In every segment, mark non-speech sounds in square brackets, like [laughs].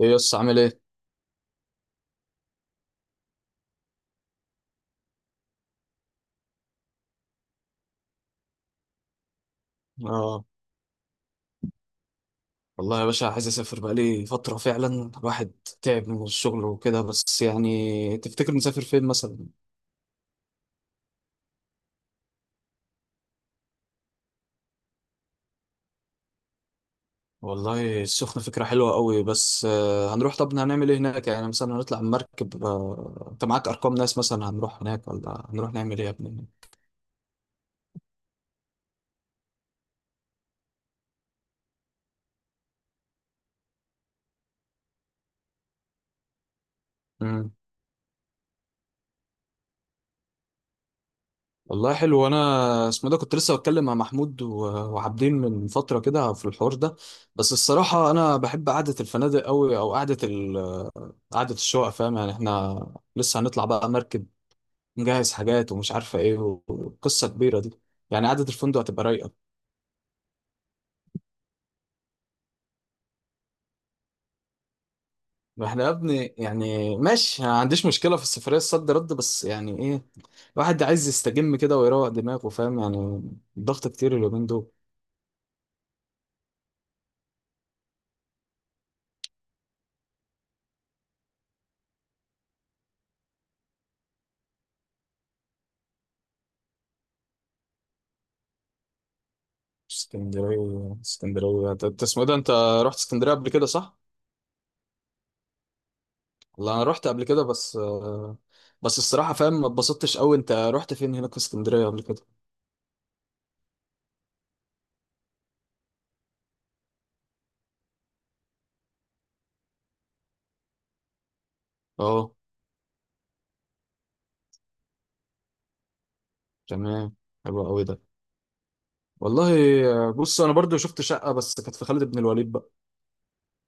ايه يس عامل ايه؟ اه والله يا باشا، عايز اسافر بقالي فترة، فعلا الواحد تعب من الشغل وكده، بس يعني تفتكر نسافر فين مثلا؟ والله السخنة فكرة حلوة قوي، بس هنروح طب هنعمل ايه هناك؟ يعني مثلا هنطلع مركب؟ انت معاك ارقام ناس مثلا هنروح هناك، ولا هنروح نعمل ايه يا ابني؟ والله حلو، وانا اسمه ده كنت لسه بتكلم مع محمود وعابدين من فتره كده في الحوار ده. بس الصراحه انا بحب قعده الفنادق قوي، او قعده قعده الشقق، فاهم يعني؟ احنا لسه هنطلع بقى مركب، نجهز حاجات ومش عارفه ايه، وقصه كبيره دي. يعني قعده الفندق هتبقى رايقه. ما احنا يا ابني يعني ماشي، أنا ما عنديش مشكله في السفريه الصد رد، بس يعني ايه، الواحد عايز يستجم كده ويروق دماغه، فاهم يعني؟ الضغط كتير اليومين دول. اسكندرية انت اسمه ايه ده، انت رحت اسكندرية قبل كده صح؟ والله انا رحت قبل كده، بس بس الصراحة فاهم، ما اتبسطتش قوي. انت رحت فين هناك في اسكندرية قبل كده؟ اه، تمام، حلو قوي ده. والله، بص انا برضو شفت شقة بس كانت في خالد بن الوليد بقى،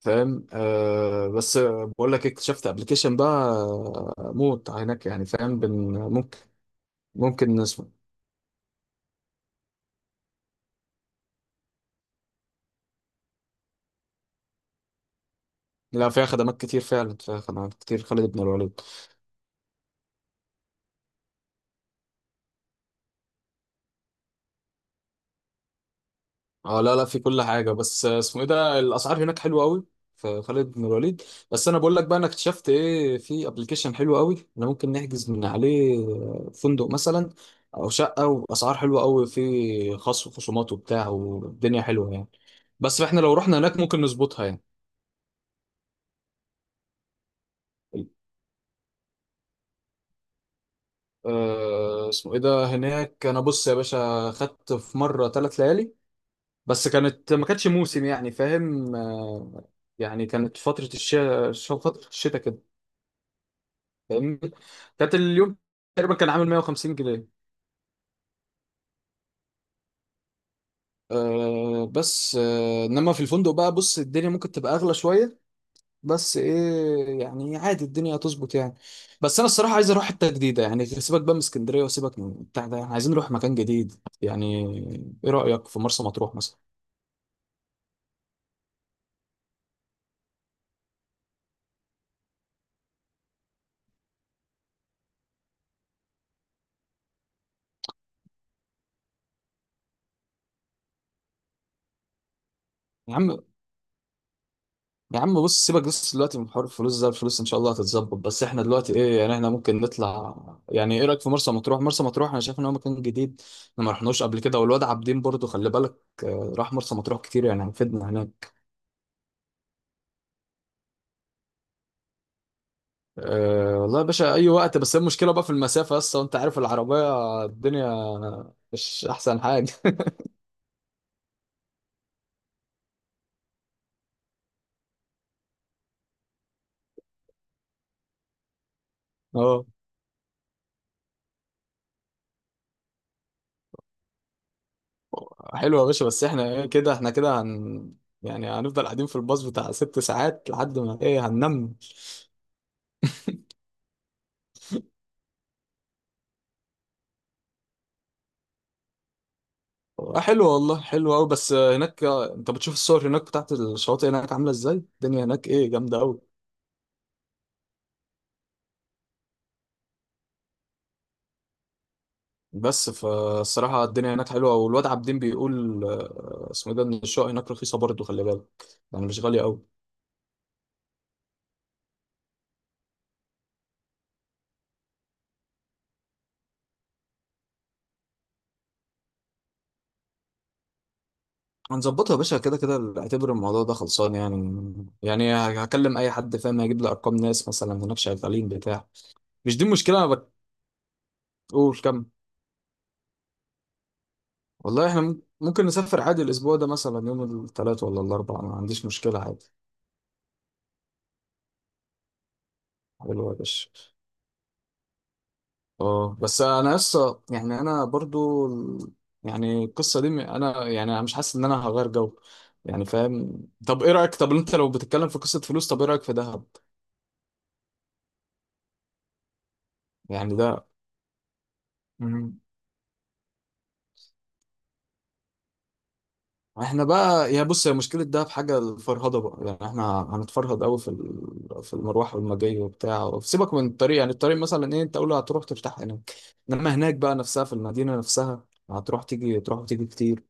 فاهم؟ آه بس آه، بقول لك اكتشفت ابلكيشن بقى، موت هناك يعني، فاهم؟ بن ممكن، ممكن نسمع. لا، فيها خدمات كتير فعلا، فيها خدمات كتير خالد بن الوليد. اه، لا لا، في كل حاجة، بس اسمه ايه ده، الأسعار هناك حلوة قوي في خالد بن الوليد. بس أنا بقول لك بقى، أنا اكتشفت ايه، في ابلكيشن حلو قوي أنا ممكن نحجز من عليه فندق مثلا أو شقة، وأسعار حلوة قوي، في خصم وخصومات وبتاع، والدنيا حلوة يعني. بس احنا لو رحنا هناك ممكن نظبطها يعني. اسمه ايه ده هناك، أنا بص يا باشا خدت في مرة 3 ليالي، بس كانت ما كانتش موسم، يعني فاهم؟ يعني كانت فترة الشتاء كده، فاهمني؟ كانت اليوم تقريبا كان عامل 150 جنيه. آه بس آه انما في الفندق بقى، بص الدنيا ممكن تبقى اغلى شويه، بس ايه يعني، عادي الدنيا هتظبط يعني. بس انا الصراحه عايز اروح حته جديده، يعني سيبك بقى من اسكندريه وسيبك من بتاع ده، عايزين نروح مكان جديد يعني. ايه رايك في مرسى مطروح مثلا؟ يا عم يا عم بص، سيبك بس دلوقتي من حوار الفلوس ده، الفلوس ان شاء الله هتتظبط، بس احنا دلوقتي ايه يعني، احنا ممكن نطلع يعني. ايه رايك في مرسى مطروح انا شايف ان هو مكان جديد، احنا ما رحناش قبل كده، والواد عابدين برضو خلي بالك راح مرسى مطروح كتير، يعني هيفيدنا هناك. أه والله يا باشا اي وقت، بس هي المشكله بقى في المسافه اصلا، وانت عارف العربيه الدنيا مش احسن حاجه. [laughs] اه، حلوه يا باشا، بس احنا ايه كده، احنا كده هن يعني هنفضل قاعدين في الباص بتاع 6 ساعات لحد ما ايه، هننام؟ حلو والله، حلو قوي، بس هناك انت بتشوف الصور هناك بتاعت الشواطئ، هناك عامله ازاي الدنيا هناك؟ ايه، جامده قوي. بس فالصراحه الدنيا هناك حلوه، والواد عابدين بيقول اسمه إيه ده، ان الشقق هناك رخيصه برضه، خلي بالك، يعني مش غاليه قوي. هنظبطها يا باشا، كده كده اعتبر الموضوع ده خلصان يعني. يعني هكلم اي حد فاهم، هيجيب لي ارقام ناس مثلا هناك شغالين بتاع مش دي المشكله. انا بقول كم. والله احنا ممكن نسافر عادي الاسبوع ده، مثلا يوم الثلاث ولا الاربع، ما عنديش مشكله عادي. حلو يا باشا. اه بس انا لسه يعني، انا برضو يعني القصه دي انا يعني انا مش حاسس ان انا هغير جو، يعني فاهم؟ طب ايه رايك، طب انت لو بتتكلم في قصه فلوس، طب ايه رايك في دهب يعني ده؟ مم. احنا بقى يا بص، هي مشكله دهب حاجه الفرهده بقى، يعني احنا هنتفرهد قوي في في المروح والمجاي وبتاع، سيبك من الطريق، يعني الطريق مثلا ايه، انت قول هتروح ترتاح هناك. انما هناك بقى نفسها في المدينه نفسها، هتروح تيجي تروح وتيجي كتير.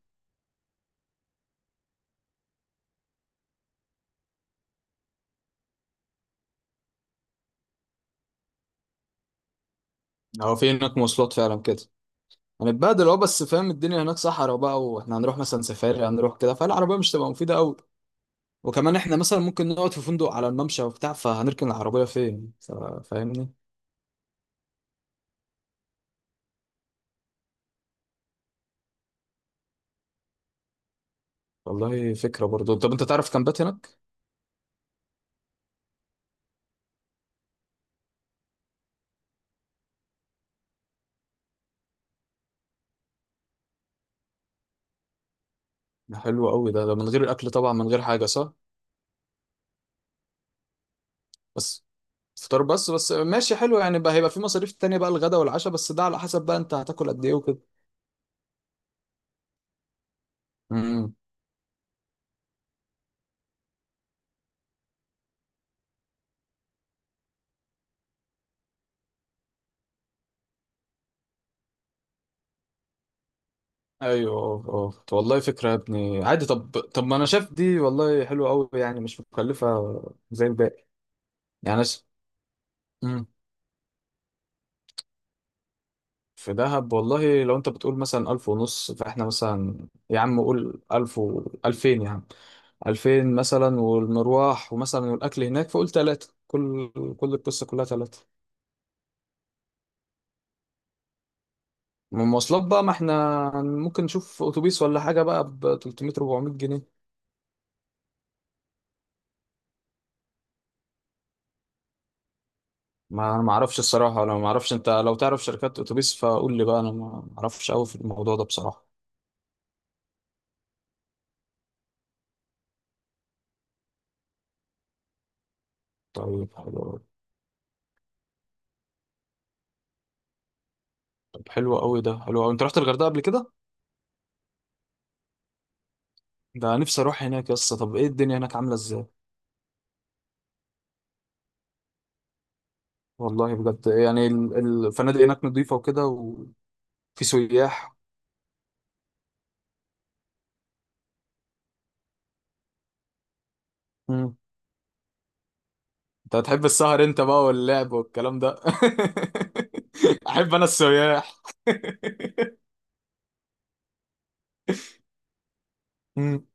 هو في هناك مواصلات فعلا كده؟ هنتبهدل. اه، بس فاهم الدنيا هناك صحرا بقى، واحنا هنروح مثلا سفاري هنروح كده، فالعربية مش تبقى مفيدة قوي؟ وكمان احنا مثلا ممكن نقعد في فندق على الممشى وبتاع، فهنركن العربية فين فاهمني؟ والله فكرة برضو. طب انت تعرف كامبات هناك؟ ده حلو قوي ده، ده من غير الاكل طبعا، من غير حاجة صح؟ بس فطار بس، بس ماشي حلو يعني بقى، هيبقى في مصاريف تانية بقى، الغدا والعشاء، بس ده على حسب بقى انت هتاكل قد ايه وكده. امم. ايوه، اه اه، طب والله فكرة يا ابني عادي، طب ما انا شايف دي والله حلوة قوي، يعني مش مكلفة زي الباقي يعني. مم. في دهب، والله لو انت بتقول مثلا 1500، فاحنا مثلا يا عم قول 1000 و 2000 يا عم، 2000 مثلا والمروح ومثلا والأكل هناك، فقول 3000، كل القصة كلها 3000. من المواصلات بقى، ما احنا ممكن نشوف أتوبيس ولا حاجة بقى ب 300 400 جنيه. ما أنا ما أعرفش الصراحة، أنا ما أعرفش، أنت لو تعرف شركات أتوبيس فقول لي بقى، أنا ما أعرفش أوي في الموضوع ده بصراحة. طيب حلو أوي. طب حلو أوي ده، حلو أوي، أنت رحت الغردقة قبل كده؟ ده نفسي أروح هناك يا اسطى. طب إيه الدنيا هناك عاملة إزاي؟ والله بجد يعني، الفنادق هناك نظيفة وكده، وفي سياح؟ مم. انت هتحب السهر انت بقى واللعب والكلام ده. [laughs] احب انا السياح. [laughs] مم.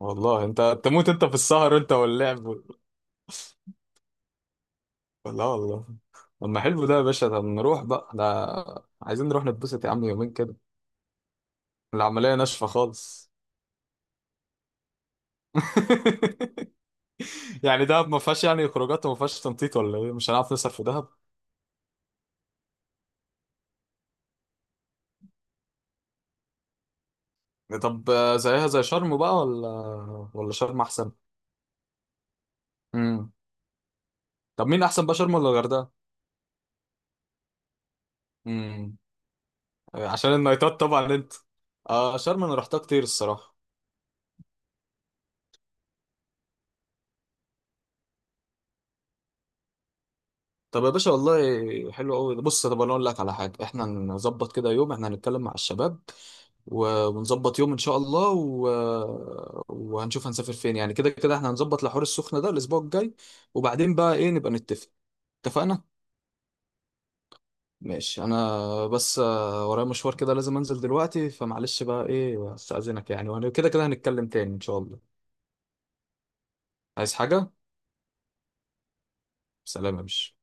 والله انت تموت انت في السهر، انت واللعب لا والله. طب ما حلو ده يا باشا، ده نروح بقى ده، عايزين نروح نتبسط يا عم يومين كده. العملية ناشفة خالص. [laughs] يعني دهب ما فيهاش يعني خروجات، وما فيهاش تنطيط ولا ايه، مش هنعرف نصرف في دهب؟ طب زيها زي شرم بقى ولا، ولا شرم احسن؟ امم. طب مين احسن بقى، شرم ولا الغردقه؟ امم. عشان النايتات طبعا انت. شرم انا رحتها كتير الصراحه. طب يا باشا والله حلو قوي، بص طب انا اقول لك على حاجه، احنا نظبط كده يوم، احنا هنتكلم مع الشباب ونظبط يوم ان شاء الله وهنشوف هنسافر فين يعني، كده كده احنا هنظبط لحوار السخنه ده الاسبوع الجاي، وبعدين بقى ايه نبقى نتفق. اتفقنا. ماشي، انا بس ورايا مشوار كده لازم انزل دلوقتي، فمعلش بقى ايه، استأذنك يعني، وانا كده كده هنتكلم تاني ان شاء الله. عايز حاجة؟ سلام يا باشا.